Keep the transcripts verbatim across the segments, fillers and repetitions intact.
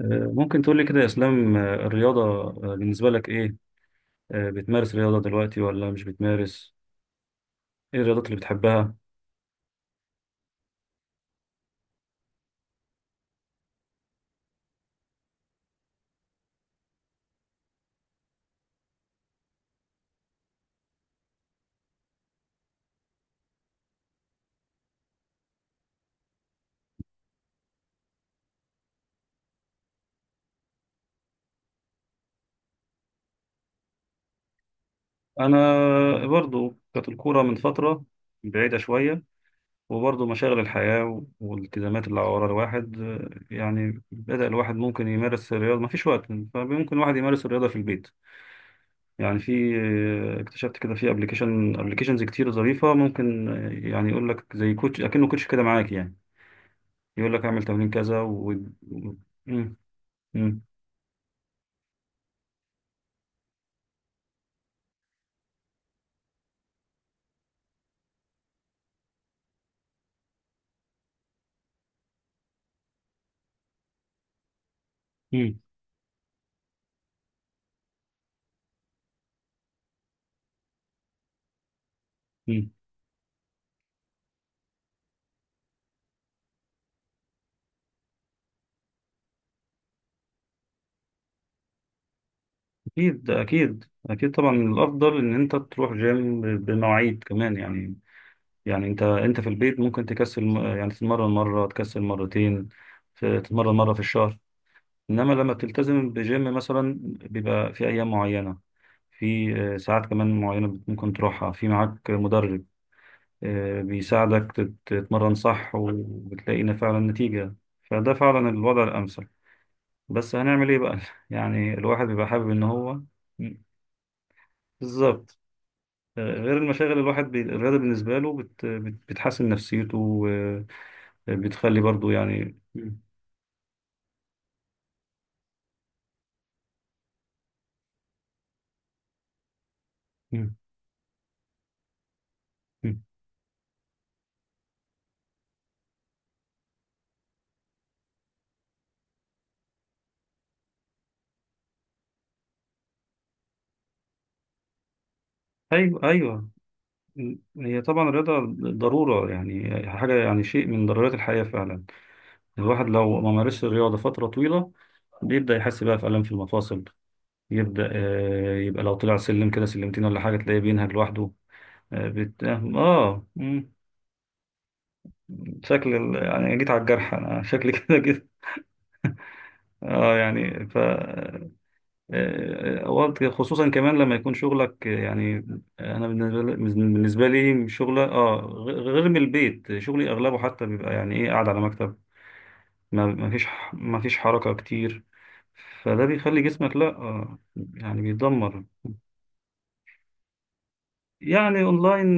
آه، ممكن تقول لي كده يا اسلام، آه، الرياضة، آه، بالنسبة لك ايه؟ آه، بتمارس رياضة دلوقتي ولا مش بتمارس؟ ايه الرياضات اللي بتحبها؟ انا برضو كانت الكورة من فترة بعيدة شوية، وبرضو مشاغل الحياة و- والالتزامات اللي على ورا الواحد، آه، يعني بدأ الواحد ممكن يمارس الرياضة، مفيش وقت. فممكن الواحد يمارس الرياضة في البيت. يعني في، آه، اكتشفت كده في ابلكيشن ابلكيشنز كتير ظريفة، ممكن آه، يعني يقول لك زي كوتش اكنه كوتش كده معاك، يعني يقول لك اعمل تمرين كذا و و- مم. مم. مم. مم. اكيد اكيد اكيد، طبعا الافضل ان انت تروح جيم ب- بمواعيد كمان، يعني. يعني انت انت في البيت ممكن تكسل، م- يعني تتمرن مره، تكسل مرتين. ف- تتمرن مره في الشهر. انما لما بتلتزم بجيم مثلا، بيبقى في ايام معينه. في آه، ساعات كمان معينه، بت- ممكن تروحها، في معاك مدرب. آه، بيساعدك تت- تتمرن صح، وبتلاقي إن فعلا نتيجه. فده فعلا الوضع الامثل. بس هنعمل ايه بقى؟ يعني الواحد بيبقى حابب ان هو. بالظبط. آه، غير المشاغل، الواحد بي... الرياضة بالنسبة له بت... بت... بتحسن نفسيته. وبتخلي برضو يعني. مم. مم. مم. ايوه، ايوه. هي طبعا الرياضة ضرورة، يعني حاجة، يعني شيء من ضرورات الحياة فعلا. الواحد لو ما مارسش الرياضة فترة طويلة، بيبدأ يحس بقى في ألم في المفاصل. يبدأ آه، يبقى لو طلع سلم كده، سلمتين ولا حاجة، تلاقيه بينهج لوحده. آه بت... اه آه، مم. شكل ال... يعني أنا جيت على الجرح، انا شكلي كده جيت. اه يعني ف آه، اوقات خصوصا كمان لما يكون شغلك، آه، يعني. انا بالنسبه لي بالنسبه لي شغله، اه غ- غير من البيت، شغلي اغلبه حتى بيبقى يعني ايه قاعد على مكتب. ما ما فيش ح- ما فيش حركه كتير. فده بيخلي جسمك لا، آه يعني بيتدمر. يعني اونلاين.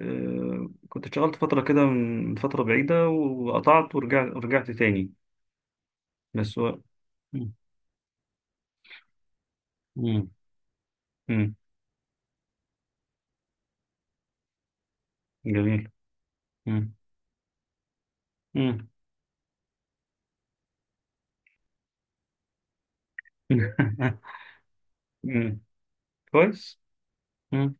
آه، كنت اشتغلت فترة كده من فترة بعيدة، وقطعت ورجعت ورجعت تاني. بس هو. مم. مم. جميل. مم. مم. مم. كويس. مم.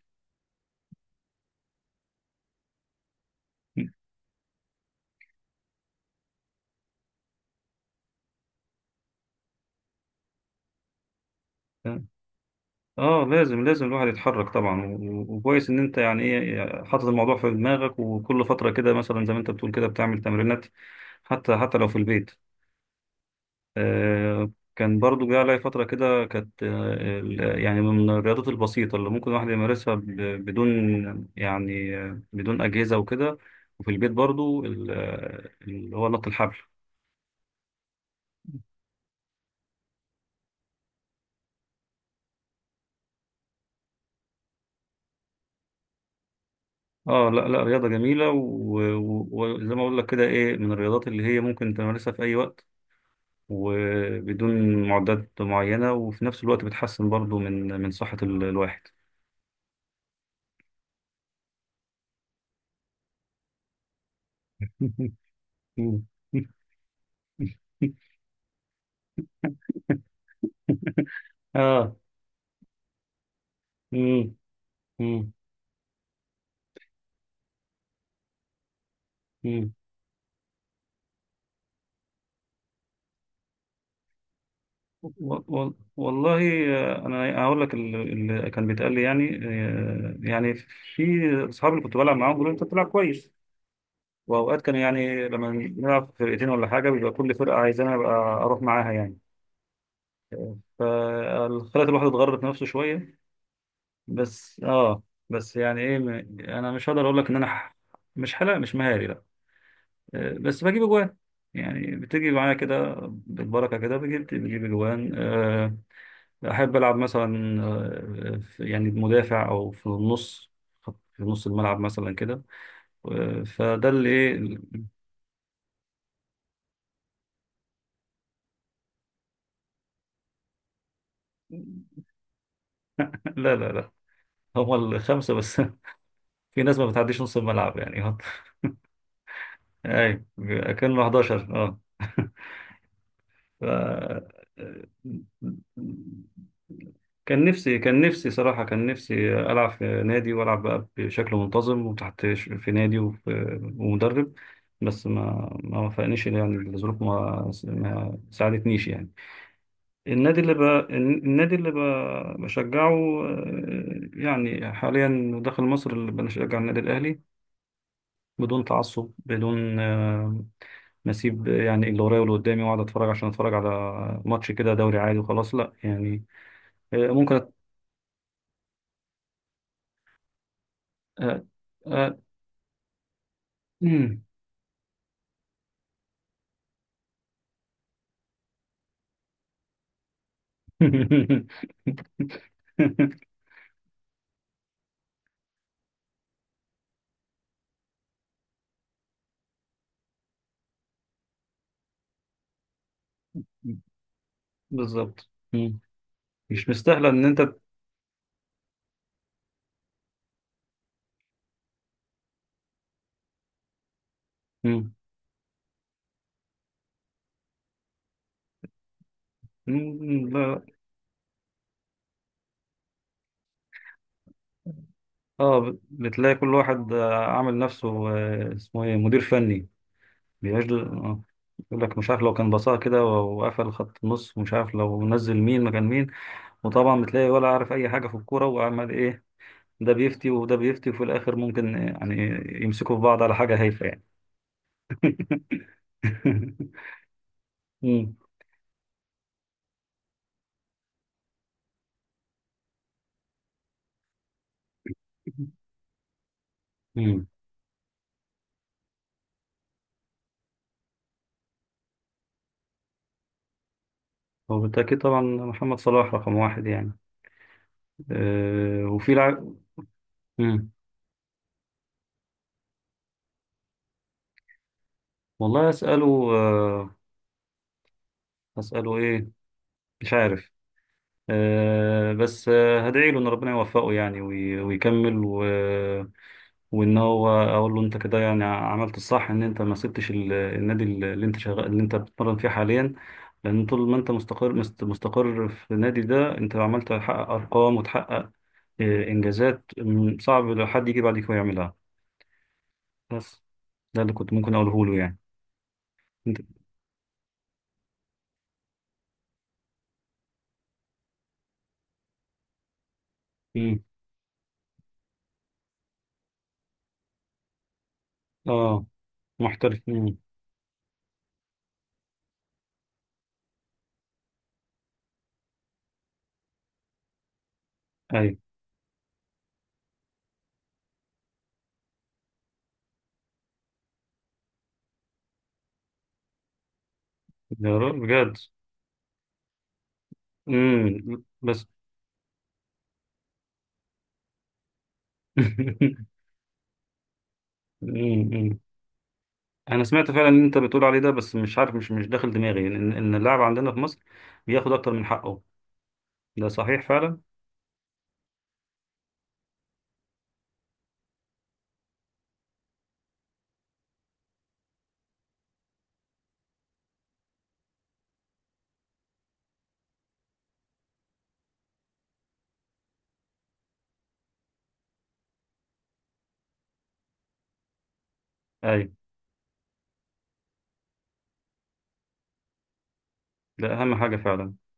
اه، لازم لازم الواحد يتحرك طبعا، و- و- وكويس ان انت يعني ايه حاطط الموضوع في دماغك، وكل فتره كده مثلا زي ما انت بتقول كده بتعمل تمرينات. حتى حتى لو في البيت. آه كان برضو جه عليا فتره كده، كانت. آه ال- يعني من الرياضات البسيطه اللي ممكن الواحد يمارسها ب- بدون، يعني آه، بدون اجهزه وكده. وفي البيت برضو، ال- آه، اللي هو نط الحبل. اه، لا لا رياضة جميلة، و- و- وزي ما اقول لك كده، ايه من الرياضات اللي هي ممكن تمارسها في اي وقت. وبدون معدات معينة، وفي نفس الوقت بتحسن برضو من من صحة ال- الواحد. اه. مم. مم. مم. و- و- والله، آه، انا هقول لك ال- اللي كان بيتقال لي، يعني آه، يعني، في. اصحابي اللي كنت بلعب معاهم بيقولوا انت بتلعب كويس. واوقات كان يعني لما نلعب فرقتين ولا حاجه، بيبقى كل فرقه عايزاني ابقى اروح معاها، يعني. فخلت الواحد يتغرب في نفسه شوية. بس اه. بس يعني ايه، م- انا مش هقدر اقول لك ان انا ح- مش حلا مش مهاري، لا. آه، بس بجيب اجوان. يعني بتيجي معايا كده بالبركة كده، بجيب بجيب اجوان. آه، احب العب مثلا، آه، في- يعني بمدافع او في النص، في نص الملعب مثلا كده. آه، فده اللي ايه. لا لا لا، هما الخمسة بس. في ناس ما بتعديش نص الملعب، يعني. اي. كانوا حداشر، اه. ف... كان نفسي كان نفسي صراحة، كان نفسي ألعب في نادي، وألعب بقى بشكل منتظم وتحت ش- في نادي، وفي. ومدرب. بس ما ما وفقنيش، يعني الظروف ما ما ساعدتنيش، يعني. النادي اللي ب... النادي اللي ب... بشجعه. آه، يعني حاليا داخل مصر، اللي بنشجع النادي الأهلي. بدون تعصب، بدون نسيب، يعني اللي ورايا واللي قدامي، واقعد اتفرج، عشان اتفرج على ماتش كده، دوري عادي وخلاص، لا يعني. آه، ممكن أت... آه، آه، مم. بالظبط. مم. مش مستاهله ان انت. مم. مم، لا. اه، ب- بتلاقي كل واحد آه، عامل نفسه، آه، اسمه ايه مدير فني. بيعيش. آه، يقول لك مش عارف لو كان بصاها كده و- وقفل خط النص، ومش عارف لو نزل مين مكان مين. وطبعا بتلاقي ولا عارف اي حاجه في الكوره، وعمال ايه. ده بيفتي وده بيفتي، وفي الآخر ممكن يعني يمسكوا في بعض على حاجة هايفة، يعني. مم. مم. هو بالتأكيد طبعا محمد صلاح رقم واحد، يعني. أه، وفي لعب. مم. والله أسأله، أه أسأله إيه؟ مش عارف. أه، بس أه هدعي له إن ربنا يوفقه يعني، وي- ويكمل و... وإن هو أقول له، أنت كده يعني عملت الصح، إن أنت ما سبتش ال- النادي اللي أنت شغال، اللي أنت بتتمرن فيه حاليا. لأن طول ما أنت مستقر، مست- مستقر في النادي ده، أنت عمال تحقق أرقام وتحقق آه، إنجازات، م- صعب لو حد يجي بعدك ويعملها. بس ده اللي كنت ممكن أقوله له، يعني. أنت. مم. آه محترف. مم. أيوة. يا رب بجد. مم. بس. مم. مم. أنا سمعت فعلا إن أنت بتقول عليه ده، بس مش عارف، مش مش داخل دماغي إن إن اللاعب عندنا في مصر بياخد أكتر من حقه. ده صحيح فعلا. أيوة. ده أهم حاجة فعلا.